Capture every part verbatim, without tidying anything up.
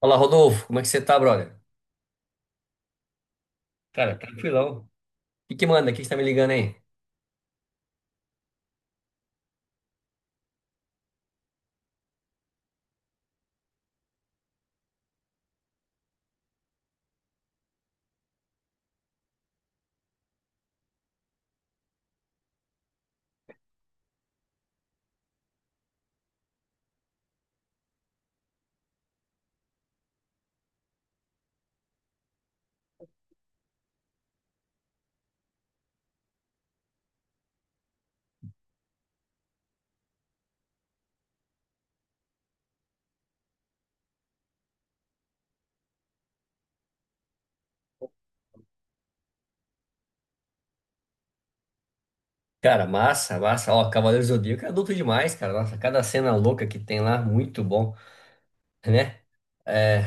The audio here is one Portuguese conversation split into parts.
Olá, Rodolfo, como é que você tá, brother? Cara, tranquilão. O que que manda? O que que você tá me ligando aí? Cara, massa, massa. Ó, Cavaleiros do Zodíaco é adulto demais, cara. Nossa, cada cena louca que tem lá, muito bom, né? É,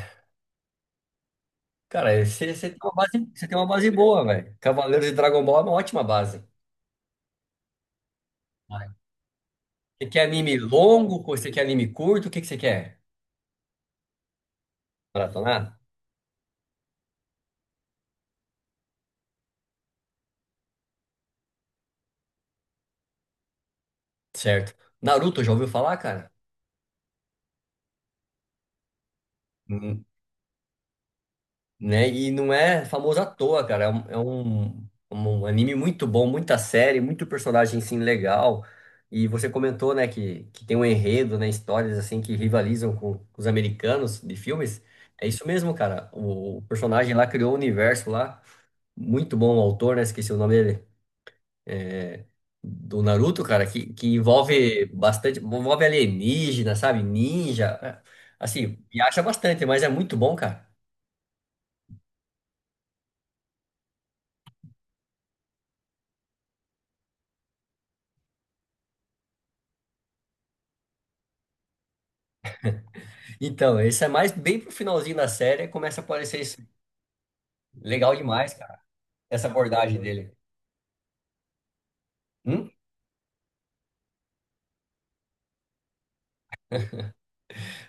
cara, você você tem uma base, você tem uma base boa, velho. Cavaleiros e Dragon Ball é uma ótima base. Você quer anime longo? Você quer anime curto? O que que você quer? Maratonar? Certo. Naruto, já ouviu falar, cara? Né? E não é famoso à toa, cara. É um, é um, é um anime muito bom, muita série, muito personagem sim legal. E você comentou, né, que, que tem um enredo, né, histórias assim que rivalizam com, com os americanos de filmes. É isso mesmo, cara. O, o personagem lá criou um universo lá, muito bom o autor, né? Esqueci o nome dele. Do Naruto, cara, que, que envolve bastante, envolve alienígena, sabe? Ninja, né? Assim, viaja bastante, mas é muito bom, cara. Então, esse é mais bem pro finalzinho da série, começa a aparecer isso. Legal demais, cara, essa abordagem dele. Hum?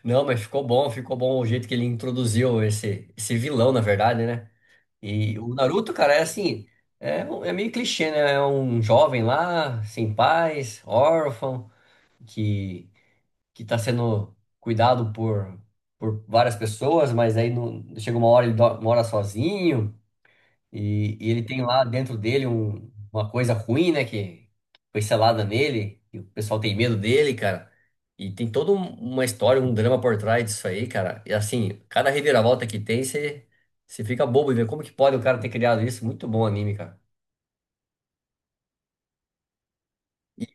Não, mas ficou bom, ficou bom o jeito que ele introduziu esse, esse vilão, na verdade, né? E o Naruto, cara, é assim, é, um- é meio clichê, né? É um jovem lá, sem pais, órfão, que, que tá sendo cuidado por, por várias pessoas, mas aí não, chega uma hora ele do- mora sozinho. E, e ele tem lá dentro dele um- uma coisa ruim, né? Que foi selada nele. E o pessoal tem medo dele, cara. E tem toda um- uma história, um drama por trás disso aí, cara. E assim, cada reviravolta que tem, você você fica bobo e vê como que pode o cara ter criado isso. Muito bom o anime, cara. E,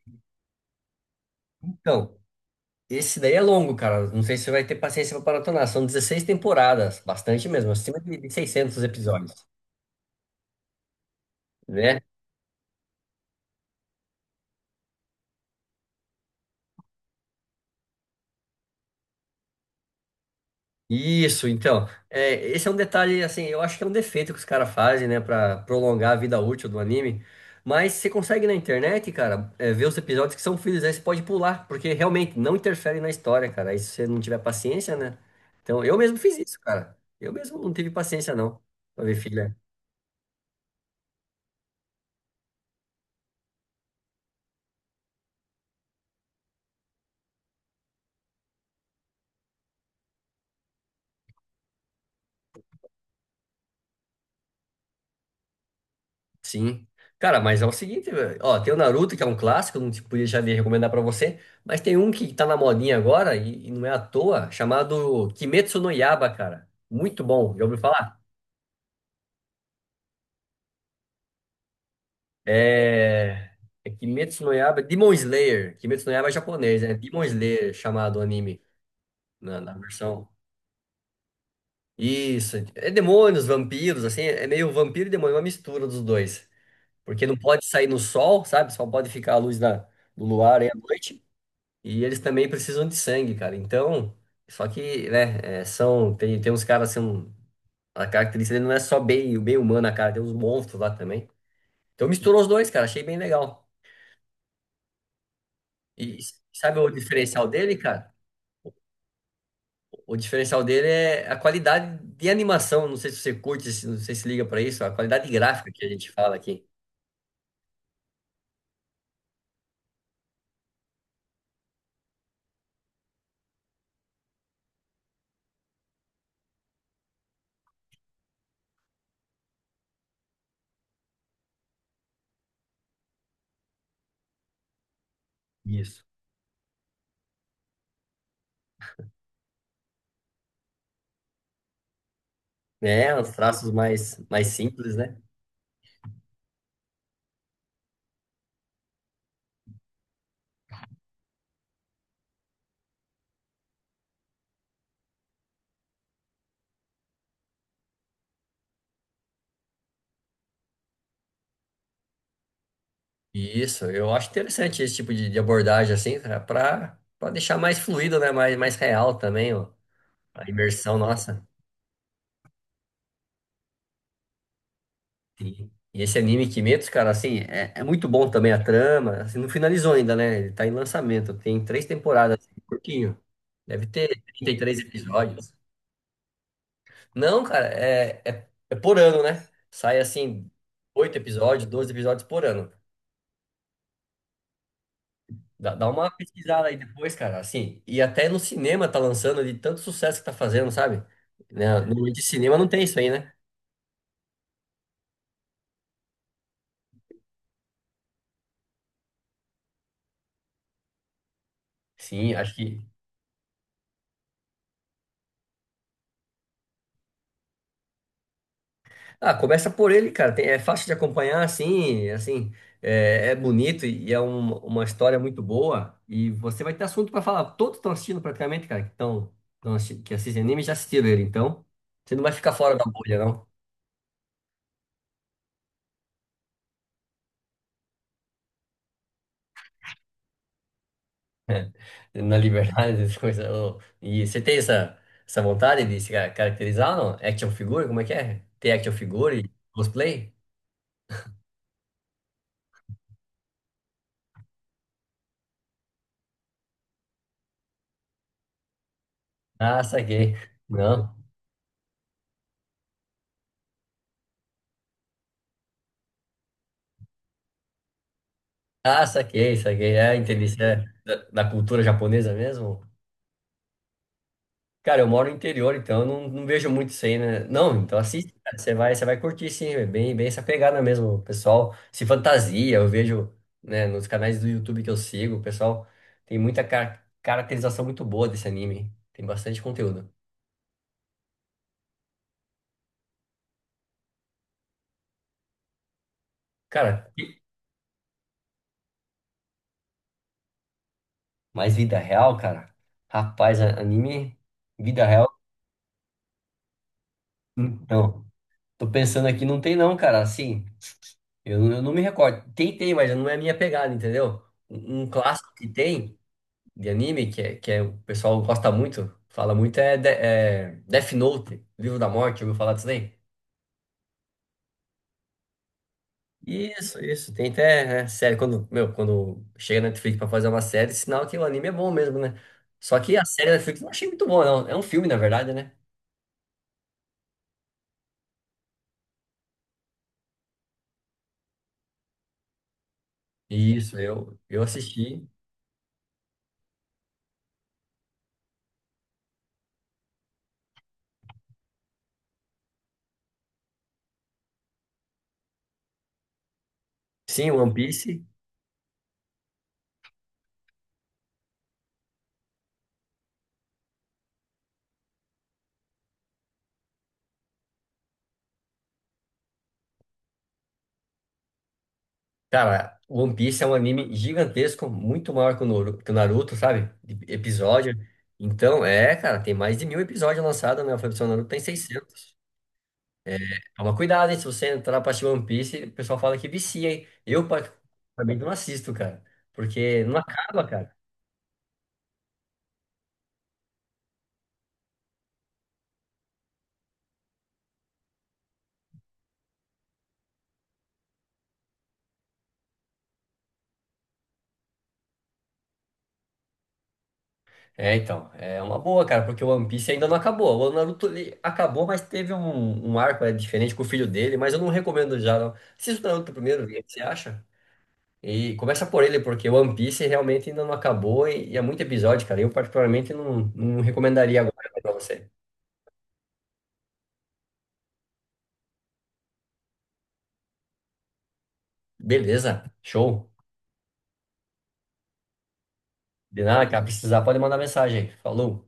então, esse daí é longo, cara. Não sei se você vai ter paciência pra maratonar. São dezesseis temporadas, bastante mesmo, acima de de seiscentos episódios. Né? Isso, então. É, esse é um detalhe, assim, eu acho que é um defeito que os caras fazem, né, pra prolongar a vida útil do anime. Mas você consegue na internet, cara, é, ver os episódios que são filhos, aí você pode pular, porque realmente não interfere na história, cara. Aí se você não tiver paciência, né? Então, eu mesmo fiz isso, cara. Eu mesmo não tive paciência, não, pra ver filha. Sim. Cara, mas é o seguinte, velho. Ó, tem o Naruto, que é um clássico, não te podia já de recomendar pra você, mas tem um que tá na modinha agora, e, e não é à toa, chamado Kimetsu no Yaiba, cara. Muito bom, já ouviu falar? É... é Kimetsu no Yaiba, Demon Slayer. Kimetsu no Yaiba é japonês, né? Demon Slayer, chamado o anime, na, na versão. Isso, é demônios, vampiros, assim, é meio vampiro e demônio, uma mistura dos dois. Porque não pode sair no sol, sabe? Só pode ficar a luz da, do luar aí à noite. E eles também precisam de sangue, cara. Então, só que, né, é, são, tem, tem uns caras assim, um, a característica dele não é só bem, o bem humano, cara, tem uns monstros lá também. Então misturou os dois, cara, achei bem legal. E s- sabe o diferencial dele, cara? O diferencial dele é a qualidade de animação, não sei se você curte, se- não sei se liga pra isso, a qualidade gráfica que a gente fala aqui. Isso. É, os traços mais, mais simples, né? Isso, eu acho interessante esse tipo de, de abordagem assim, para para deixar mais fluido, né, mais mais real também, ó, a imersão nossa. Sim. E esse anime Kimetsu, cara, assim, é, é muito bom também a trama, assim, não finalizou ainda, né? Ele tá em lançamento, tem três temporadas, assim, curtinho. Deve ter trinta e três episódios. Não, cara, é, é, é por ano, né? Sai assim, oito episódios, doze episódios por ano. Dá, dá uma pesquisada aí depois, cara, assim. E até no cinema tá lançando de tanto sucesso que tá fazendo, sabe? Né? No de cinema não tem isso aí, né? Sim, acho que. Ah, começa por ele, cara. tem- é fácil de acompanhar, assim, assim. É, é bonito e é um- uma história muito boa. E você vai ter assunto pra falar. Todos estão assistindo praticamente, cara, que, tão, que assistem anime já assistiram ele. Então, você não vai ficar fora da bolha, não. Na liberdade, essas coisas. Ô. E você tem essa, essa vontade de se ca- caracterizar, não? Action figure, como é que é? Ter action figure e cosplay? Ah, saquei. Não. Ah, saquei, saquei. É, entendi. Isso é da, da cultura japonesa mesmo? Cara, eu moro no interior, então eu não, não vejo muito isso aí, né? Não, então assiste, cara. Você vai, você vai curtir, sim. É bem, bem essa pegada mesmo. O pessoal se fantasia. Eu vejo, né, nos canais do YouTube que eu sigo, o pessoal tem muita car- caracterização muito boa desse anime. Tem bastante conteúdo. Cara, mas vida real, cara? Rapaz, a- anime, vida real, não. Tô pensando aqui, não tem não, cara, assim, eu, não- eu não me recordo. Tem, tem, mas não é a minha pegada, entendeu? Um, um clássico que tem de anime, que, é, que é, o pessoal gosta muito, fala muito, é, De- é Death Note, Livro da Morte, ouviu falar disso daí? Isso, isso, tem até, né, série, quando, meu, quando chega na Netflix pra fazer uma série, sinal que o anime é bom mesmo, né? Só que a série da Netflix eu não achei muito boa, não. É um filme, na verdade, né? Isso, eu, eu assisti. Sim, One Piece. Cara, One Piece é um anime gigantesco, muito maior que o Noru- que o Naruto, sabe? De Episódio. Então, é, cara, tem mais de mil episódios lançados, né? O Fabiano Naruto tem seiscentos. Toma cuidado, hein? Se você entrar pra assistir One Piece, o pessoal fala que vicia, hein? Eu, particularmente, não assisto, cara. Porque não acaba, cara. É, então, é uma boa, cara, porque o One Piece ainda não acabou. O Naruto ele acabou, mas teve um, um arco é, diferente com o filho dele, mas eu não recomendo já, não. Assista o Naruto primeiro, vê o que você acha? E começa por ele, porque o One Piece realmente ainda não acabou e, e é muito episódio, cara. Eu particularmente não, não recomendaria agora pra você. Beleza, show. De nada, cara, precisar pode mandar mensagem. Falou.